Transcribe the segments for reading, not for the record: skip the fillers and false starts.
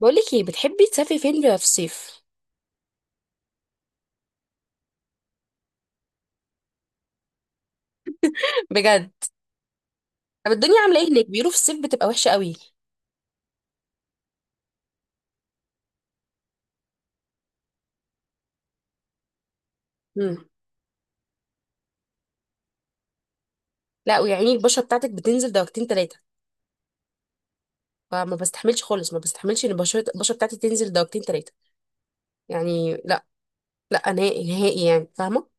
بقولك ايه، بتحبي تسافري فين في الصيف؟ بجد؟ طب الدنيا عامله ايه هناك؟ بيقولوا في الصيف بتبقى وحشه قوي. امم. لا، ويعني البشره بتاعتك بتنزل درجتين ثلاثه. فما بستحملش خالص، ما بستحملش ان البشره بتاعتي تنزل درجتين ثلاثه. يعني لا. لا نهائي نهائي، يعني فاهمه.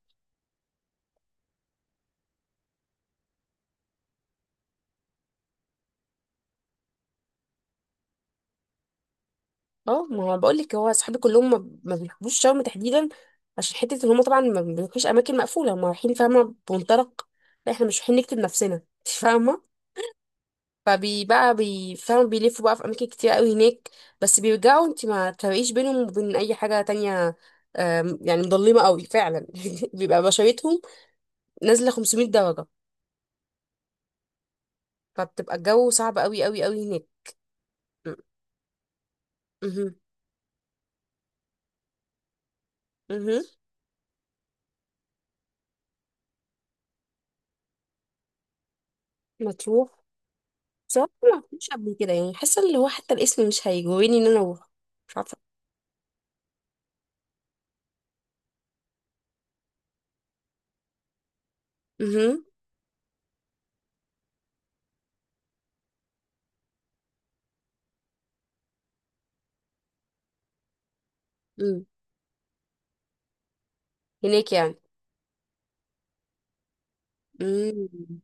اه، ما هو بقول لك، هو اصحابي كلهم ما بيحبوش شرم تحديدا. عشان حته ان هم طبعا ما بيروحوش اماكن مقفوله، هم رايحين فاهمه بمنطلق. لا احنا مش رايحين نكتب نفسنا انت فاهمه. فبي بقى بيفهموا، بيلفوا بقى في اماكن كتير قوي هناك، بس بيرجعوا انت ما تفرقيش بينهم وبين اي حاجه تانية. يعني مظلمه قوي فعلا بيبقى بشرتهم نازله 500 درجه. فبتبقى الجو صعب قوي قوي قوي هناك. م- مهم. مهم. مطروح. بصراحه ما رحتش قبل كده، يعني حاسه اللي هو حتى الاسم مش هيجوريني ان انا اروح. مش عارفه. مهم. مم. هناك يعني. مم.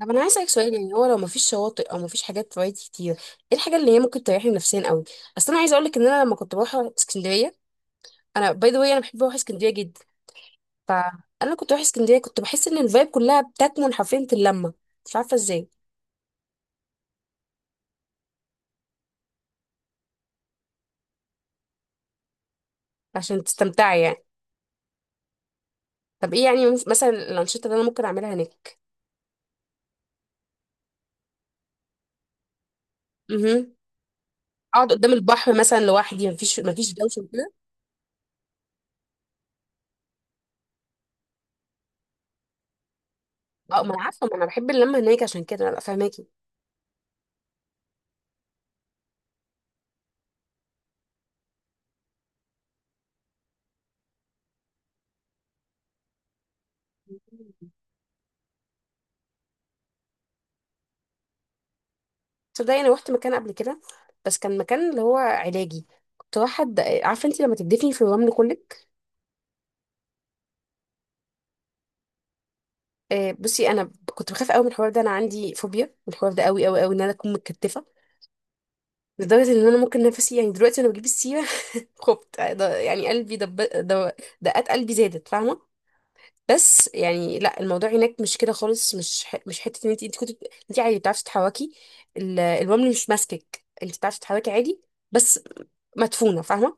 طب انا عايز اسالك سؤال، يعني هو لو مفيش شواطئ او مفيش حاجات فوائد كتير، ايه الحاجه اللي هي ممكن تريحني نفسيا قوي؟ اصل انا عايزه اقول لك ان انا لما كنت بروح اسكندريه، انا باي ذا واي انا بحب اروح اسكندريه جدا. فانا كنت بروح اسكندريه، كنت بحس ان الفايب كلها بتكمن حرفيا في اللمه. مش عارفه ازاي. عشان تستمتعي يعني. طب ايه يعني، مثلا الانشطه اللي انا ممكن اعملها هناك؟ امم. اقعد قدام البحر مثلا لوحدي، مفيش دوشه كده. اه، ما انا عارفه، ما انا بحب اللمه هناك، عشان كده انا ببقى فاهماكي. تصدقي انا روحت مكان قبل كده، بس كان مكان اللي هو علاجي. كنت واحد، عارفه انت لما تدفني في الرمل كلك؟ بصي انا كنت بخاف قوي من الحوار ده، انا عندي فوبيا من الحوار ده قوي قوي قوي ان انا اكون متكتفه، لدرجه ان انا ممكن نفسي يعني دلوقتي وانا بجيب السيره خفت. يعني قلبي دو- دقات قلبي زادت، فاهمه. بس يعني لا، الموضوع هناك مش كده خالص، مش حته ان انت كنت، انت عادي بتعرفي تتحركي. الرمل مش ماسكك، انت بتعرفي تتحركي عادي، بس مدفونه، فاهمه.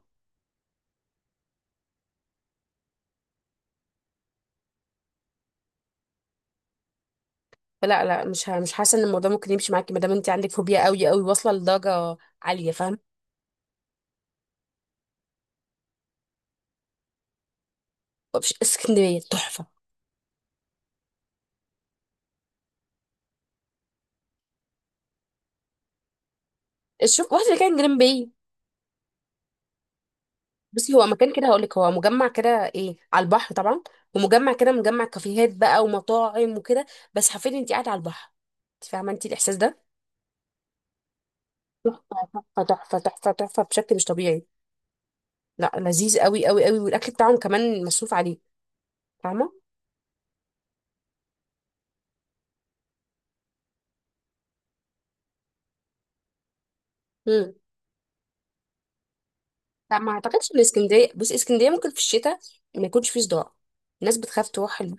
لا لا، مش حاسه ان الموضوع ممكن يمشي معاكي ما دام انت عندك فوبيا قوي قوي واصله لدرجه عاليه، فاهم. مش اسكندريه تحفه؟ شوف واحد اللي كان جرين باي. بصي هو مكان كده، هقول لك هو مجمع كده، ايه، على البحر طبعا. ومجمع كده، مجمع كافيهات بقى ومطاعم وكده، بس حرفيا انت قاعده على البحر. انت فاهمه انت الاحساس ده؟ تحفه تحفه تحفه تحفه تحفه بشكل مش طبيعي. لا، لذيذ قوي قوي قوي، والاكل بتاعهم كمان مصروف عليه، فاهمه. لا ما اعتقدش ان اسكندريه، بص، اسكندريه ممكن في الشتاء ما يكونش فيه صداع. الناس بتخاف تروح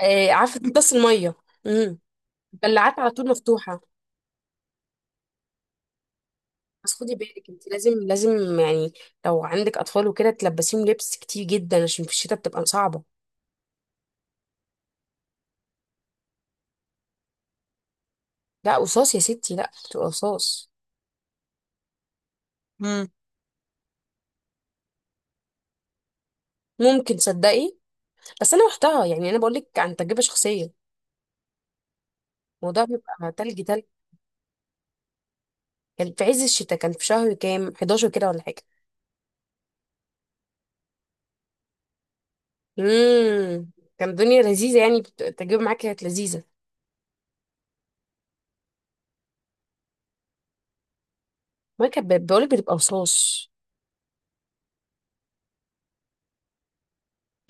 آه، عارفه، بس الميه. امم. البلاعات على طول مفتوحه. بس خدي بالك، انت لازم لازم يعني لو عندك اطفال وكده تلبسيهم لبس كتير جدا، عشان في الشتاء بتبقى صعبه. لا قصاص يا ستي، لا، بتبقى قصاص. مم. ممكن تصدقي، بس انا رحتها، يعني انا بقول لك عن تجربه شخصيه، الموضوع بيبقى تلج تلج. كان في عز الشتاء، كان في شهر كام، 11 كده ولا حاجه. امم. كان الدنيا لذيذه، يعني التجربه معاك كانت لذيذه. ما كانت بقولك بتبقى رصاص.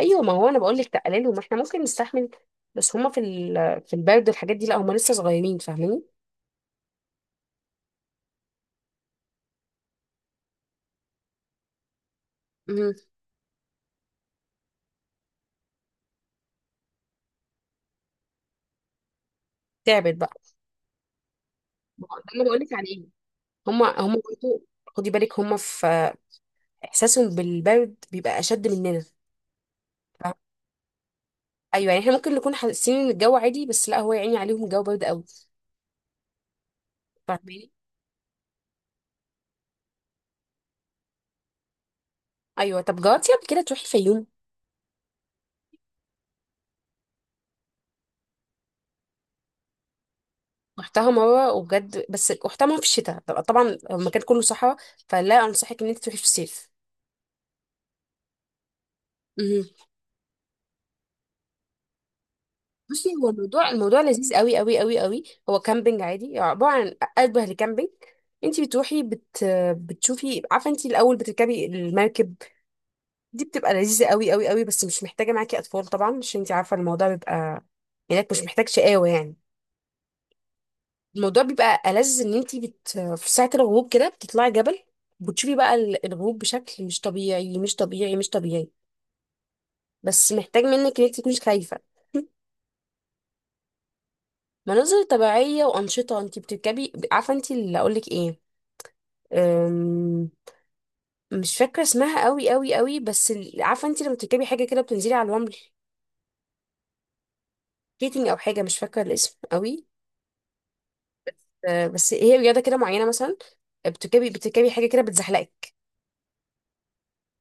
ايوه، ما هو انا بقولك تقللهم، ما احنا ممكن نستحمل، بس هما في البرد والحاجات دي لا، هما لسه صغيرين فاهماني. امم. تعبت بقى. ما هو ده اللي بقولك عليه، هما برضه، خدي بالك هما في، احساسهم بالبرد بيبقى اشد مننا، فاهمة؟ ايوه، يعني احنا ممكن نكون حاسين ان الجو عادي، بس لا، هو يا عيني عليهم الجو برد قوي، فاهماني. ايوه. طب جربتي قبل كده تروحي الفيوم؟ رحتها مرة وبجد، بس رحتها مرة في الشتاء طبعا، المكان كله صحراء، فلا أنصحك إن أنت تروحي في الصيف. مهم. بصي هو الموضوع، الموضوع لذيذ قوي قوي قوي قوي. هو كامبينج عادي، عبارة عن أشبه لكامبينج. انت بتشوفي، عارفه انت الاول بتركبي المركب؟ دي بتبقى لذيذه قوي قوي قوي، بس مش محتاجه معاكي اطفال طبعا، عشان انت عارفه الموضوع بيبقى هناك مش محتاج شقاوه يعني. الموضوع بيبقى ألذ ان في ساعة الغروب كده بتطلعي جبل، بتشوفي بقى الغروب بشكل مش طبيعي مش طبيعي مش طبيعي، بس محتاج منك ان انتي تكوني خايفة. مناظر طبيعية وأنشطة، انتي بتركبي، عارفة انتي اللي اقولك ايه، أم... مش فاكرة اسمها قوي قوي قوي، عارفة انتي لما بتركبي حاجة كده بتنزلي على الرمل؟ سكيتنج او حاجة، مش فاكرة الاسم قوي. بس هي رياضة كده معينة مثلا، بتركبي حاجة كده بتزحلقك،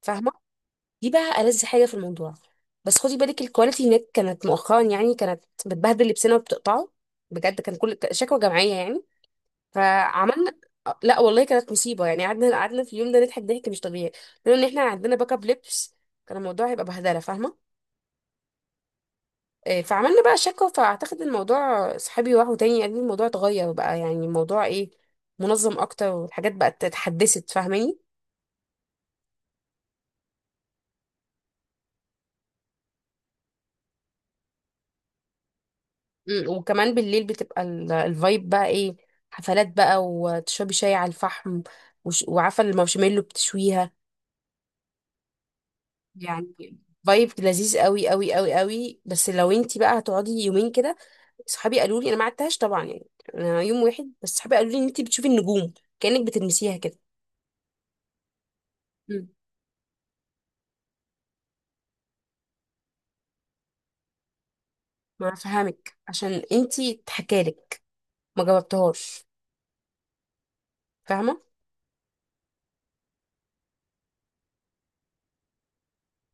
فاهمة. دي بقى ألذ حاجة في الموضوع. بس خدي بالك الكواليتي هناك كانت مؤخرا، يعني كانت بتبهدل لبسنا وبتقطعه بجد، كان كل شكوى جماعية يعني. فعملنا، لا والله كانت مصيبة، يعني قعدنا في اليوم ده نضحك ضحك مش طبيعي، لأن احنا عندنا باك اب لبس. كان الموضوع هيبقى بهدلة، فاهمة. إيه، فعملنا بقى شكوى، فأعتقد الموضوع، صحابي راحوا تاني قال لي الموضوع اتغير بقى، يعني الموضوع ايه، منظم أكتر والحاجات بقت اتحدثت، فاهماني. مم، وكمان بالليل بتبقى الفايب بقى ايه، حفلات بقى وتشربي شاي على الفحم، وعارفه المارشميلو بتشويها، يعني فايب لذيذ قوي قوي قوي قوي. بس لو انتي بقى هتقعدي يومين كده، صحابي قالوا لي، انا ما قعدتهاش طبعا يعني، انا يوم واحد بس، صحابي قالوا لي ان انتي بتشوفي النجوم كأنك بتلمسيها كده. مم. ما فهمك عشان انتي اتحكالك ما جاوبتهاش، فاهمه.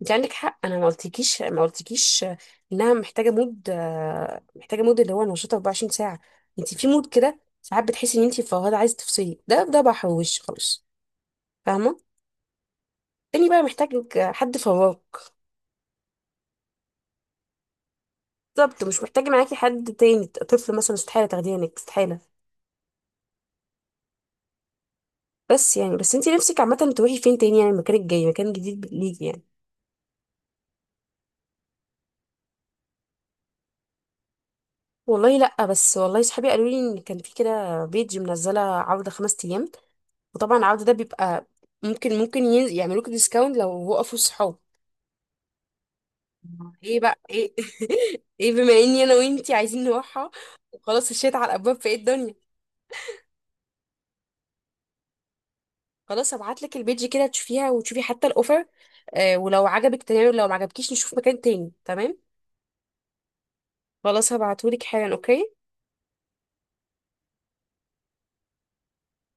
انت عندك حق، انا ما قلتكيش انها محتاجه مود، محتاجه مود اللي هو نشيط 24 ساعه. انت في مود كده ساعات بتحسي ان انت فوهده عايزه تفصلي، ده بحر وش خالص، فاهمه. تاني بقى محتاج حد فواك. بالظبط، مش محتاج معاكي حد تاني، طفل مثلا استحاله تاخديه هناك، استحاله. بس يعني، بس انت نفسك عامه تروحي فين تاني، يعني المكان الجاي مكان جديد ليكي يعني. والله لا، بس والله صحابي قالوا لي ان كان في كده بيج منزله عرض خمس ايام، وطبعا العرض ده بيبقى ممكن، يعملوك ديسكاونت لو وقفوا الصحاب. ايه بقى، ايه؟ ايه، بما اني انا وانتي عايزين نروحها وخلاص الشيت على الابواب، في ايه الدنيا. خلاص هبعت لك البيج كده، تشوفيها وتشوفي حتى الاوفر، ولو عجبك تمام، ولو ما عجبكيش نشوف مكان تاني تمام. خلاص هبعتهولك حالا، اوكي.